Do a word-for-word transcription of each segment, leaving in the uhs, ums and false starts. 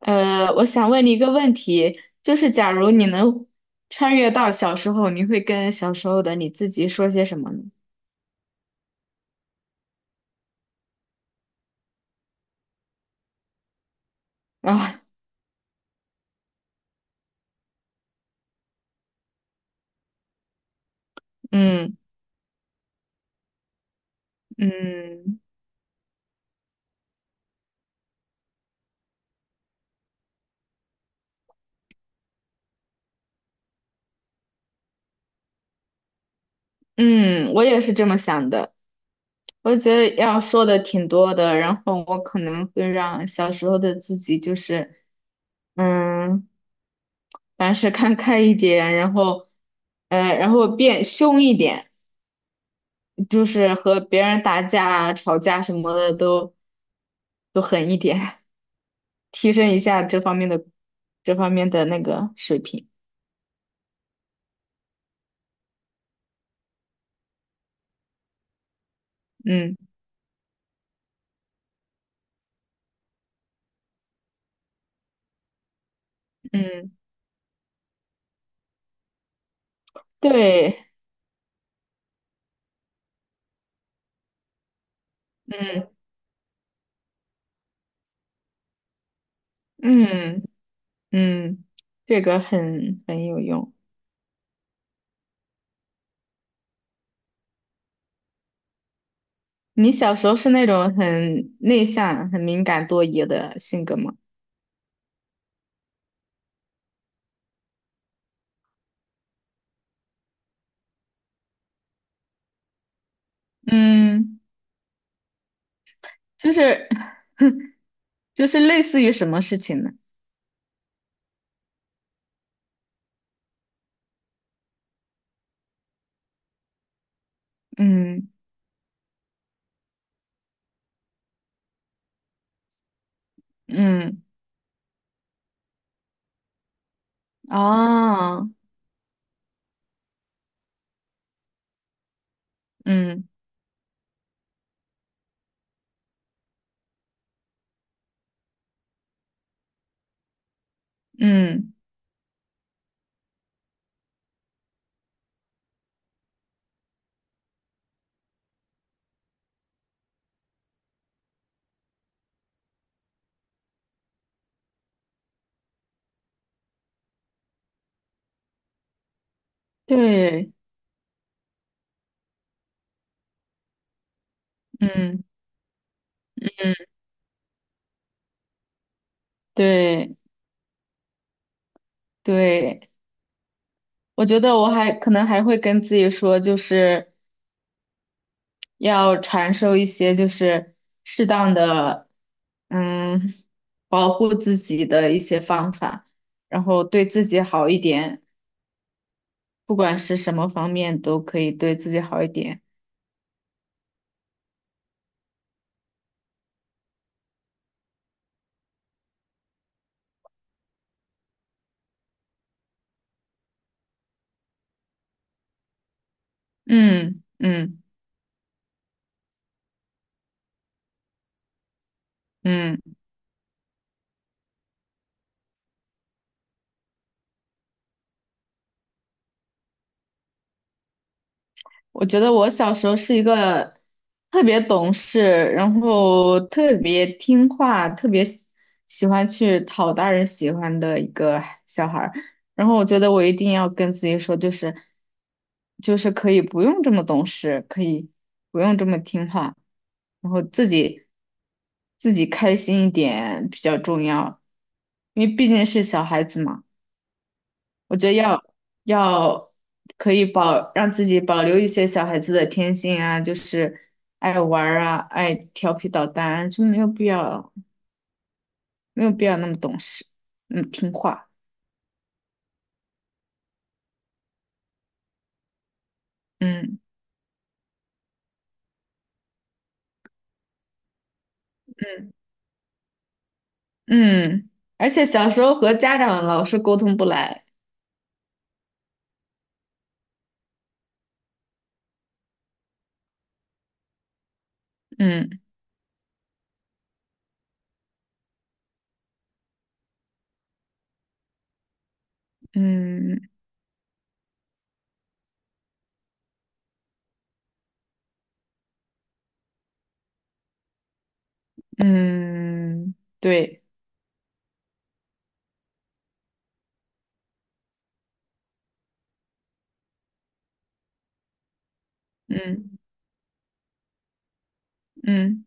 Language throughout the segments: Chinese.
呃，我想问你一个问题，就是假如你能穿越到小时候，你会跟小时候的你自己说些什么呢？啊。嗯嗯嗯，我也是这么想的。我觉得要说的挺多的，然后我可能会让小时候的自己就是，嗯，凡事看开一点，然后，呃，然后变凶一点，就是和别人打架啊吵架什么的都都狠一点。提升一下这方面的这方面的那个水平。嗯嗯，对，嗯嗯嗯，这个很很有用。你小时候是那种很内向、很敏感、多疑的性格吗？嗯，就是 就是类似于什么事情呢？嗯嗯哦，嗯嗯，对，嗯。对对，我觉得我还可能还会跟自己说，就是要传授一些就是适当的，嗯，保护自己的一些方法，然后对自己好一点，不管是什么方面都可以对自己好一点。嗯嗯嗯。我觉得我小时候是一个特别懂事，然后特别听话，特别喜喜欢去讨大人喜欢的一个小孩儿。然后我觉得我一定要跟自己说，就是就是可以不用这么懂事，可以不用这么听话，然后自己自己开心一点比较重要，因为毕竟是小孩子嘛。我觉得要要可以保让自己保留一些小孩子的天性啊，就是爱玩儿啊，爱调皮捣蛋啊就没有必要没有必要那么懂事，嗯，听话，嗯嗯，嗯。而且小时候和家长老是沟通不来，嗯嗯嗯，对，嗯嗯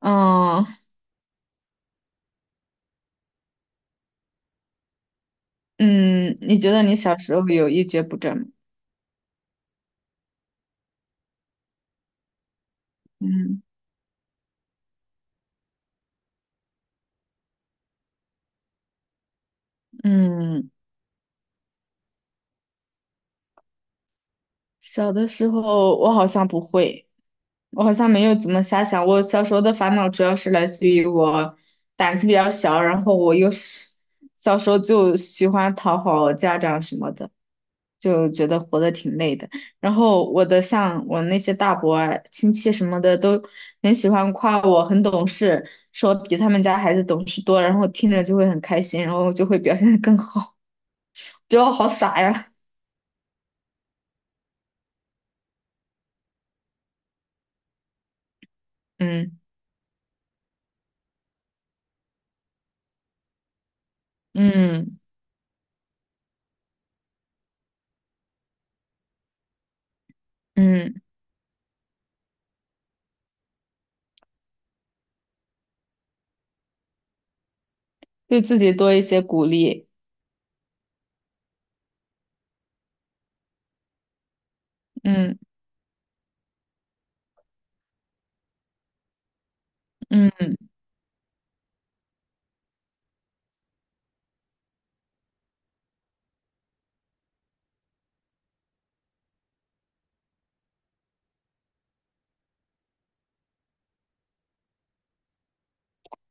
嗯嗯，你觉得你小时候有一蹶不振吗？嗯嗯，小的时候我好像不会。我好像没有怎么瞎想。我小时候的烦恼主要是来自于我胆子比较小，然后我又是小时候就喜欢讨好家长什么的，就觉得活得挺累的。然后我的像我那些大伯啊亲戚什么的都很喜欢夸我很懂事，说比他们家孩子懂事多，然后听着就会很开心，然后就会表现得更好。觉得我好傻呀，嗯嗯嗯，对自己多一些鼓励，嗯嗯。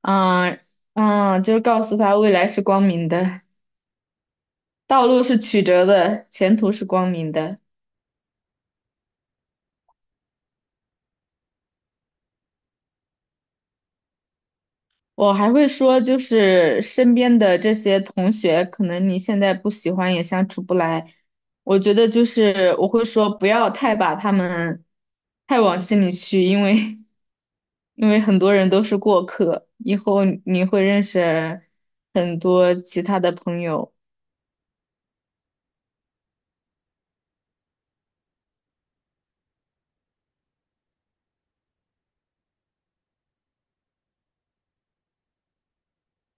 嗯嗯，就是告诉他未来是光明的，道路是曲折的，前途是光明的。我还会说，就是身边的这些同学，可能你现在不喜欢也相处不来，我觉得就是我会说，不要太把他们太往心里去，因为因为很多人都是过客，以后你会认识很多其他的朋友。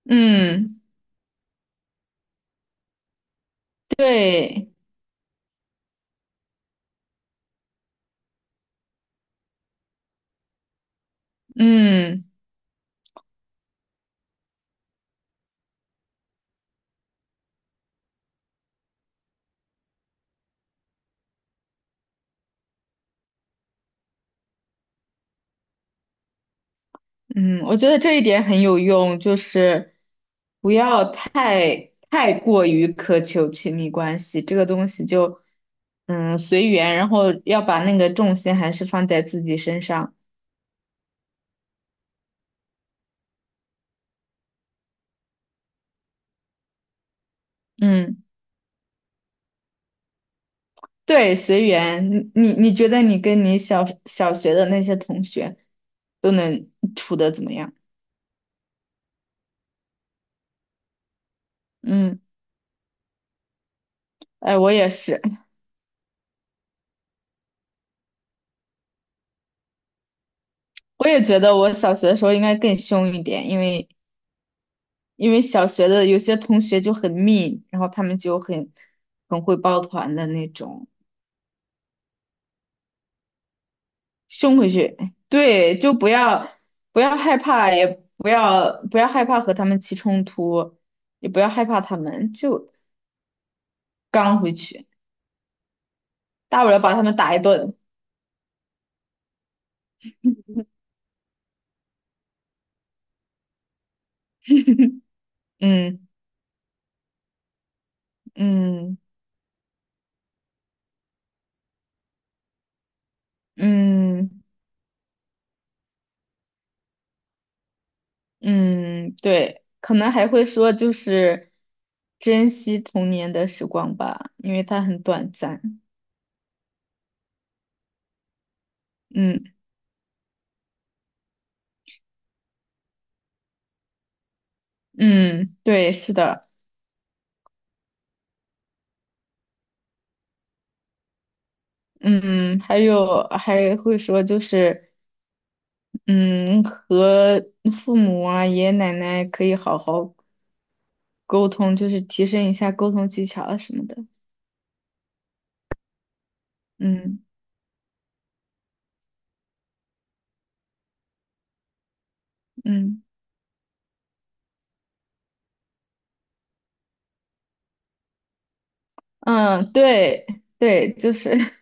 嗯，对，嗯。嗯，我觉得这一点很有用，就是不要太太过于苛求亲密关系，这个东西就嗯随缘，然后要把那个重心还是放在自己身上。嗯，对，随缘。你你你觉得你跟你小小学的那些同学都能处得怎么样？嗯，哎，我也是，我也觉得我小学的时候应该更凶一点，因为因为小学的有些同学就很密，然后他们就很很会抱团的那种，凶回去。对，就不要不要害怕，也不要不要害怕和他们起冲突，也不要害怕他们，就刚回去，大不了把他们打一顿。嗯嗯嗯嗯，对，可能还会说就是珍惜童年的时光吧，因为它很短暂。嗯嗯，对，是的。嗯，还有还会说就是，嗯，和父母啊、爷爷奶奶可以好好沟通，就是提升一下沟通技巧啊什么的。嗯嗯嗯，对对，就是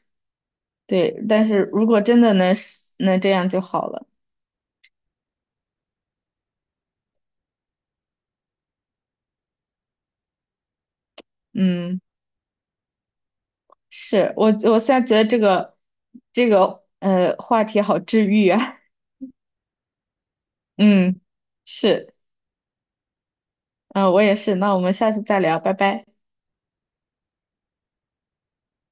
对，但是如果真的能是能这样就好了。嗯，是我我现在觉得这个这个呃话题好治愈啊。嗯，是，嗯，我也是。那我们下次再聊，拜拜。